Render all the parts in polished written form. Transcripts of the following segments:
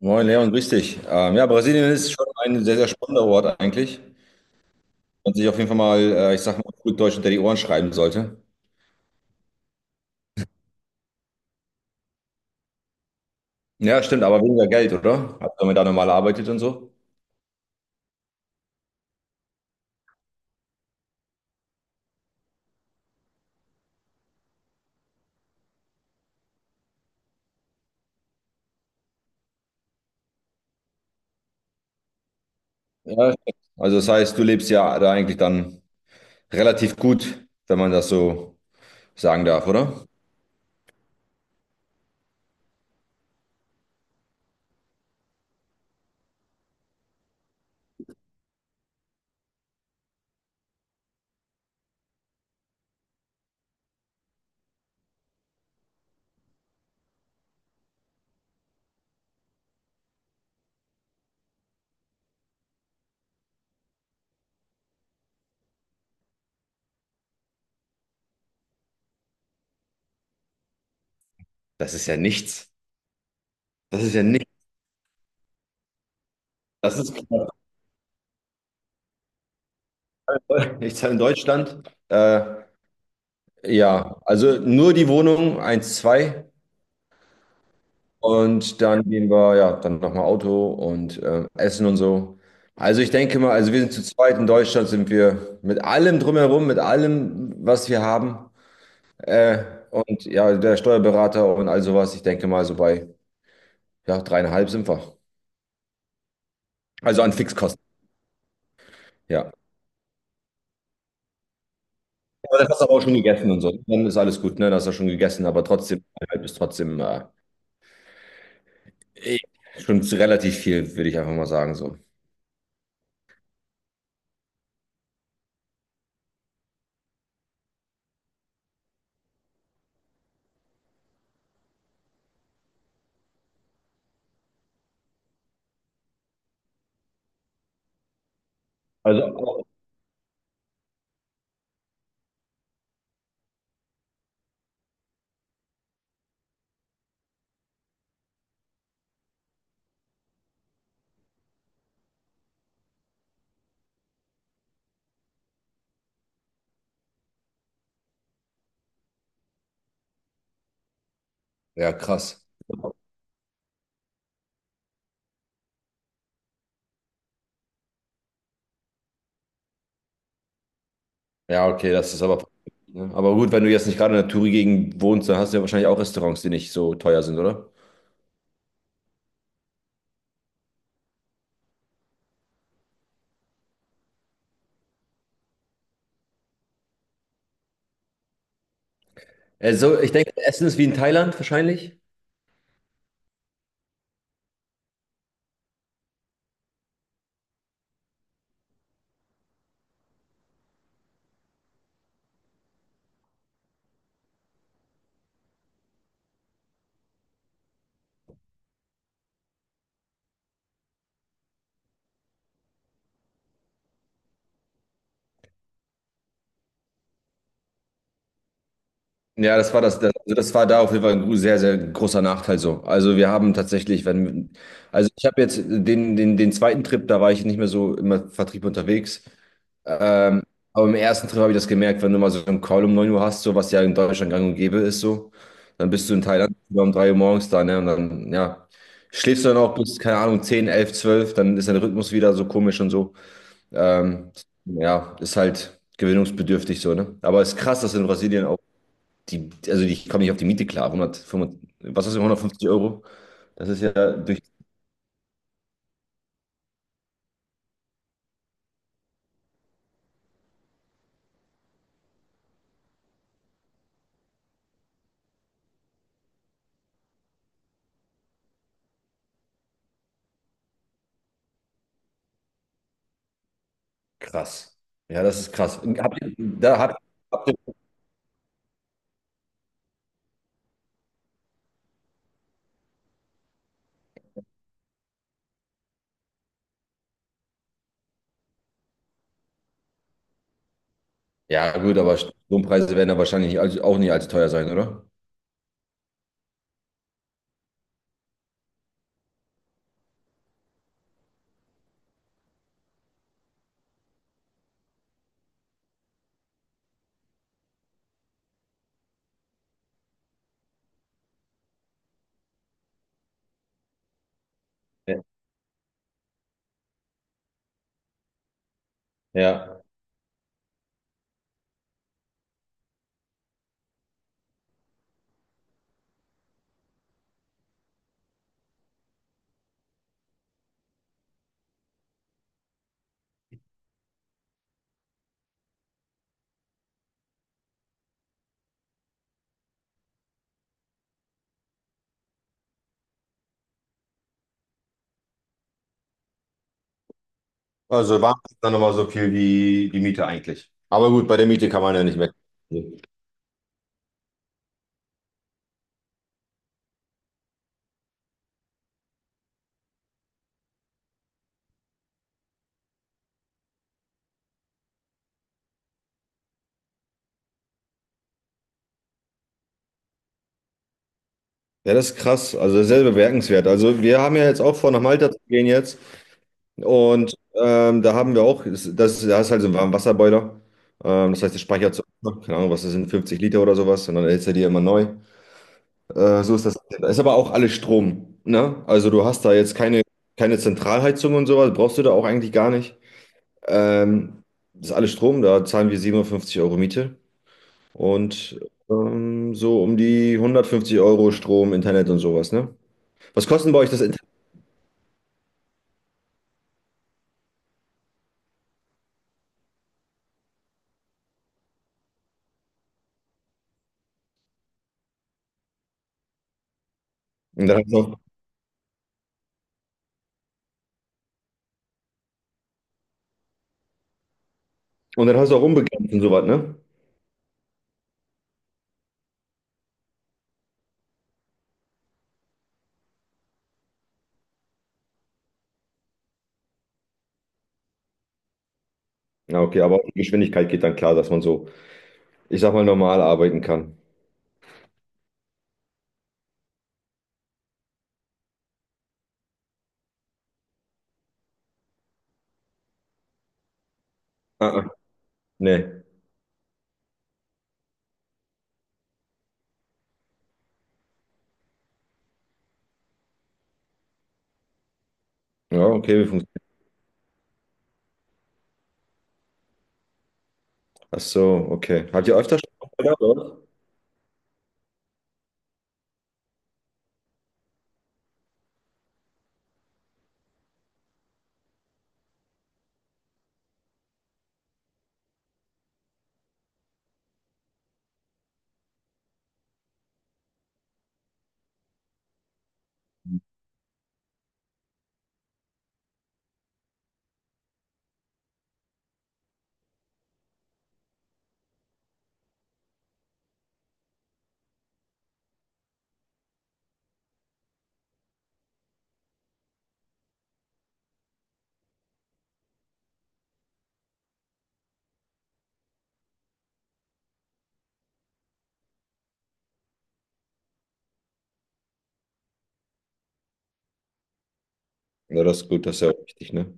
Moin Leon, grüß dich. Ja, Brasilien ist schon ein sehr, sehr spannender Ort eigentlich. Und sich auf jeden Fall mal, ich sag mal, gut Deutsch hinter die Ohren schreiben sollte. Ja, stimmt, aber weniger Geld, oder? Also, wenn man da normal arbeitet und so. Ja, stimmt. Also das heißt, du lebst ja da eigentlich dann relativ gut, wenn man das so sagen darf, oder? Das ist ja nichts. Das ist ja nichts. Das ist knapp. Nichts in Deutschland. Äh, ja, also nur die Wohnung 1,2. Und dann gehen wir, ja, dann nochmal Auto und Essen und so. Also ich denke mal, also wir sind zu zweit in Deutschland, sind wir mit allem drumherum, mit allem, was wir haben. Äh, und ja, der Steuerberater und all sowas, ich denke mal so bei, ja, dreieinhalb sind wir. Also an Fixkosten, ja. Aber das hast du aber auch schon gegessen und so. Dann ist alles gut, ne? Das hast du schon gegessen, aber trotzdem, dreieinhalb ist trotzdem eh schon relativ viel, würde ich einfach mal sagen, so. Also, ja, krass. Ja, okay, das ist aber. Ne? Aber gut, wenn du jetzt nicht gerade in der Touri-Gegend wohnst, dann hast du ja wahrscheinlich auch Restaurants, die nicht so teuer sind, oder? Also, ich denke, Essen ist wie in Thailand wahrscheinlich. Ja, das war also das war da auf jeden Fall ein sehr, sehr großer Nachteil so. Also wir haben tatsächlich, wenn, also ich habe jetzt den zweiten Trip, da war ich nicht mehr so im Vertrieb unterwegs. Ähm, aber im ersten Trip habe ich das gemerkt, wenn du mal so einen Call um 9 Uhr hast, so was ja in Deutschland gang und gäbe ist, so, dann bist du in Thailand um 3 Uhr morgens da, ne? Und dann, ja, schläfst du dann auch bis, keine Ahnung, 10, 11, 12, dann ist dein Rhythmus wieder so komisch und so. Ähm, ja, ist halt gewöhnungsbedürftig so, ne? Aber es ist krass, dass in Brasilien die, also ich komme nicht auf die Miete klar. 155, was ist 150 Euro? Das ist ja durch krass. Ja, das ist krass. Habt ihr, da habt, habt ihr, ja gut, aber Strompreise werden da wahrscheinlich nicht, allzu- auch nicht allzu teuer sein, oder? Ja. Ja. Also waren es dann nochmal so viel wie die Miete eigentlich. Aber gut, bei der Miete kann man ja nicht mehr. Ja, das ist krass. Also sehr bemerkenswert. Also wir haben ja jetzt auch vor, nach Malta zu gehen jetzt. Und da haben wir auch, da ist halt so ein Warmwasserboiler. Das heißt, der speichert so, keine Ahnung, was das sind, 50 Liter oder sowas, und dann erhitzt er die immer neu. So ist das. Da ist aber auch alles Strom, ne? Also du hast da jetzt keine, keine Zentralheizung und sowas, brauchst du da auch eigentlich gar nicht. Ähm, Das ist alles Strom, da zahlen wir 750 Euro Miete und so um die 150 Euro Strom, Internet und sowas, ne? Was kostet denn bei euch das Internet? Und dann hast du auch, und dann hast du auch unbegrenzt und sowas, ne? Ja, okay, aber auch die Geschwindigkeit geht dann klar, dass man so, ich sag mal, normal arbeiten kann. Ah, ah, nee. Ja, okay, wie funktioniert das? Ach so, okay. Habt ihr öfter Stress gehabt, oder? Ja, das ist gut, das ist ja auch wichtig, ne?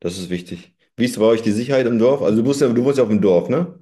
Das ist wichtig. Wie ist bei euch die Sicherheit im Dorf? Also du musst ja, du wohnst ja auf dem Dorf, ne?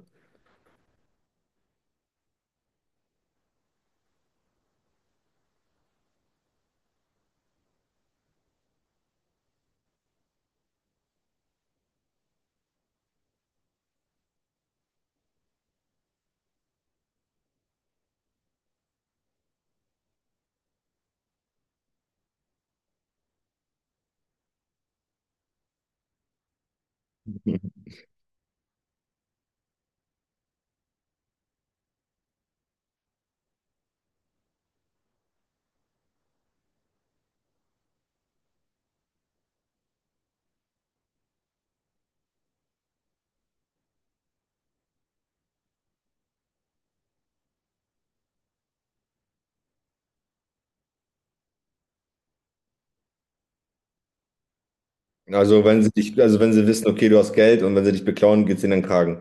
Also wenn sie dich, also wenn sie wissen, okay, du hast Geld und wenn sie dich beklauen, geht's ihnen in den Kragen.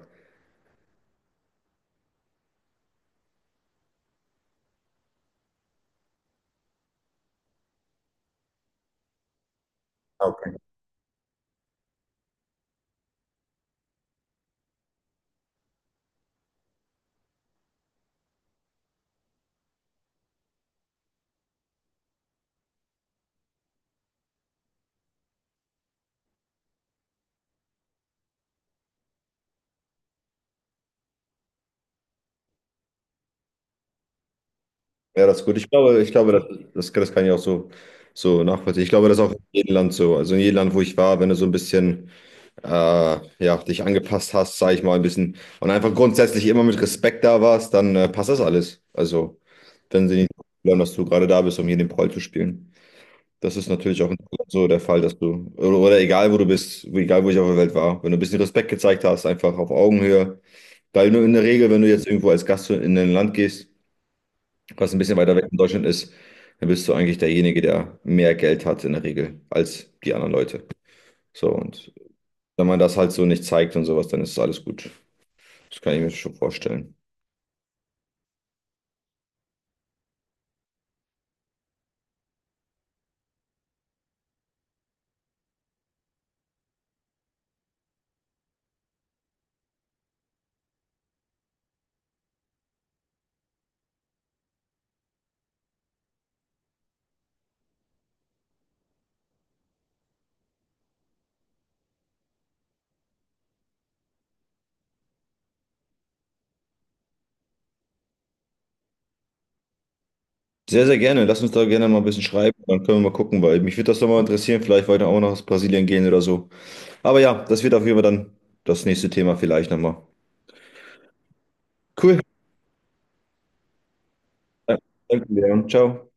Ah, okay. Ja, das ist gut. Ich glaube, das kann ich auch so, so nachvollziehen. Ich glaube, das ist auch in jedem Land so. Also in jedem Land, wo ich war, wenn du so ein bisschen ja, dich angepasst hast, sage ich mal ein bisschen, und einfach grundsätzlich immer mit Respekt da warst, dann passt das alles. Also, wenn sie nicht glauben, dass du gerade da bist, um hier den Proll zu spielen. Das ist natürlich auch in Deutschland so der Fall, dass du, oder egal wo du bist, egal wo ich auf der Welt war, wenn du ein bisschen Respekt gezeigt hast, einfach auf Augenhöhe, weil nur in der Regel, wenn du jetzt irgendwo als Gast in ein Land gehst, was ein bisschen weiter weg von Deutschland ist, dann bist du eigentlich derjenige, der mehr Geld hat in der Regel als die anderen Leute. So, und wenn man das halt so nicht zeigt und sowas, dann ist alles gut. Das kann ich mir schon vorstellen. Sehr, sehr gerne. Lass uns da gerne mal ein bisschen schreiben. Dann können wir mal gucken, weil mich würde das nochmal interessieren. Vielleicht weiter auch nach Brasilien gehen oder so. Aber ja, das wird auf jeden Fall dann das nächste Thema vielleicht nochmal. Cool. Ja, danke, Leon. Ciao.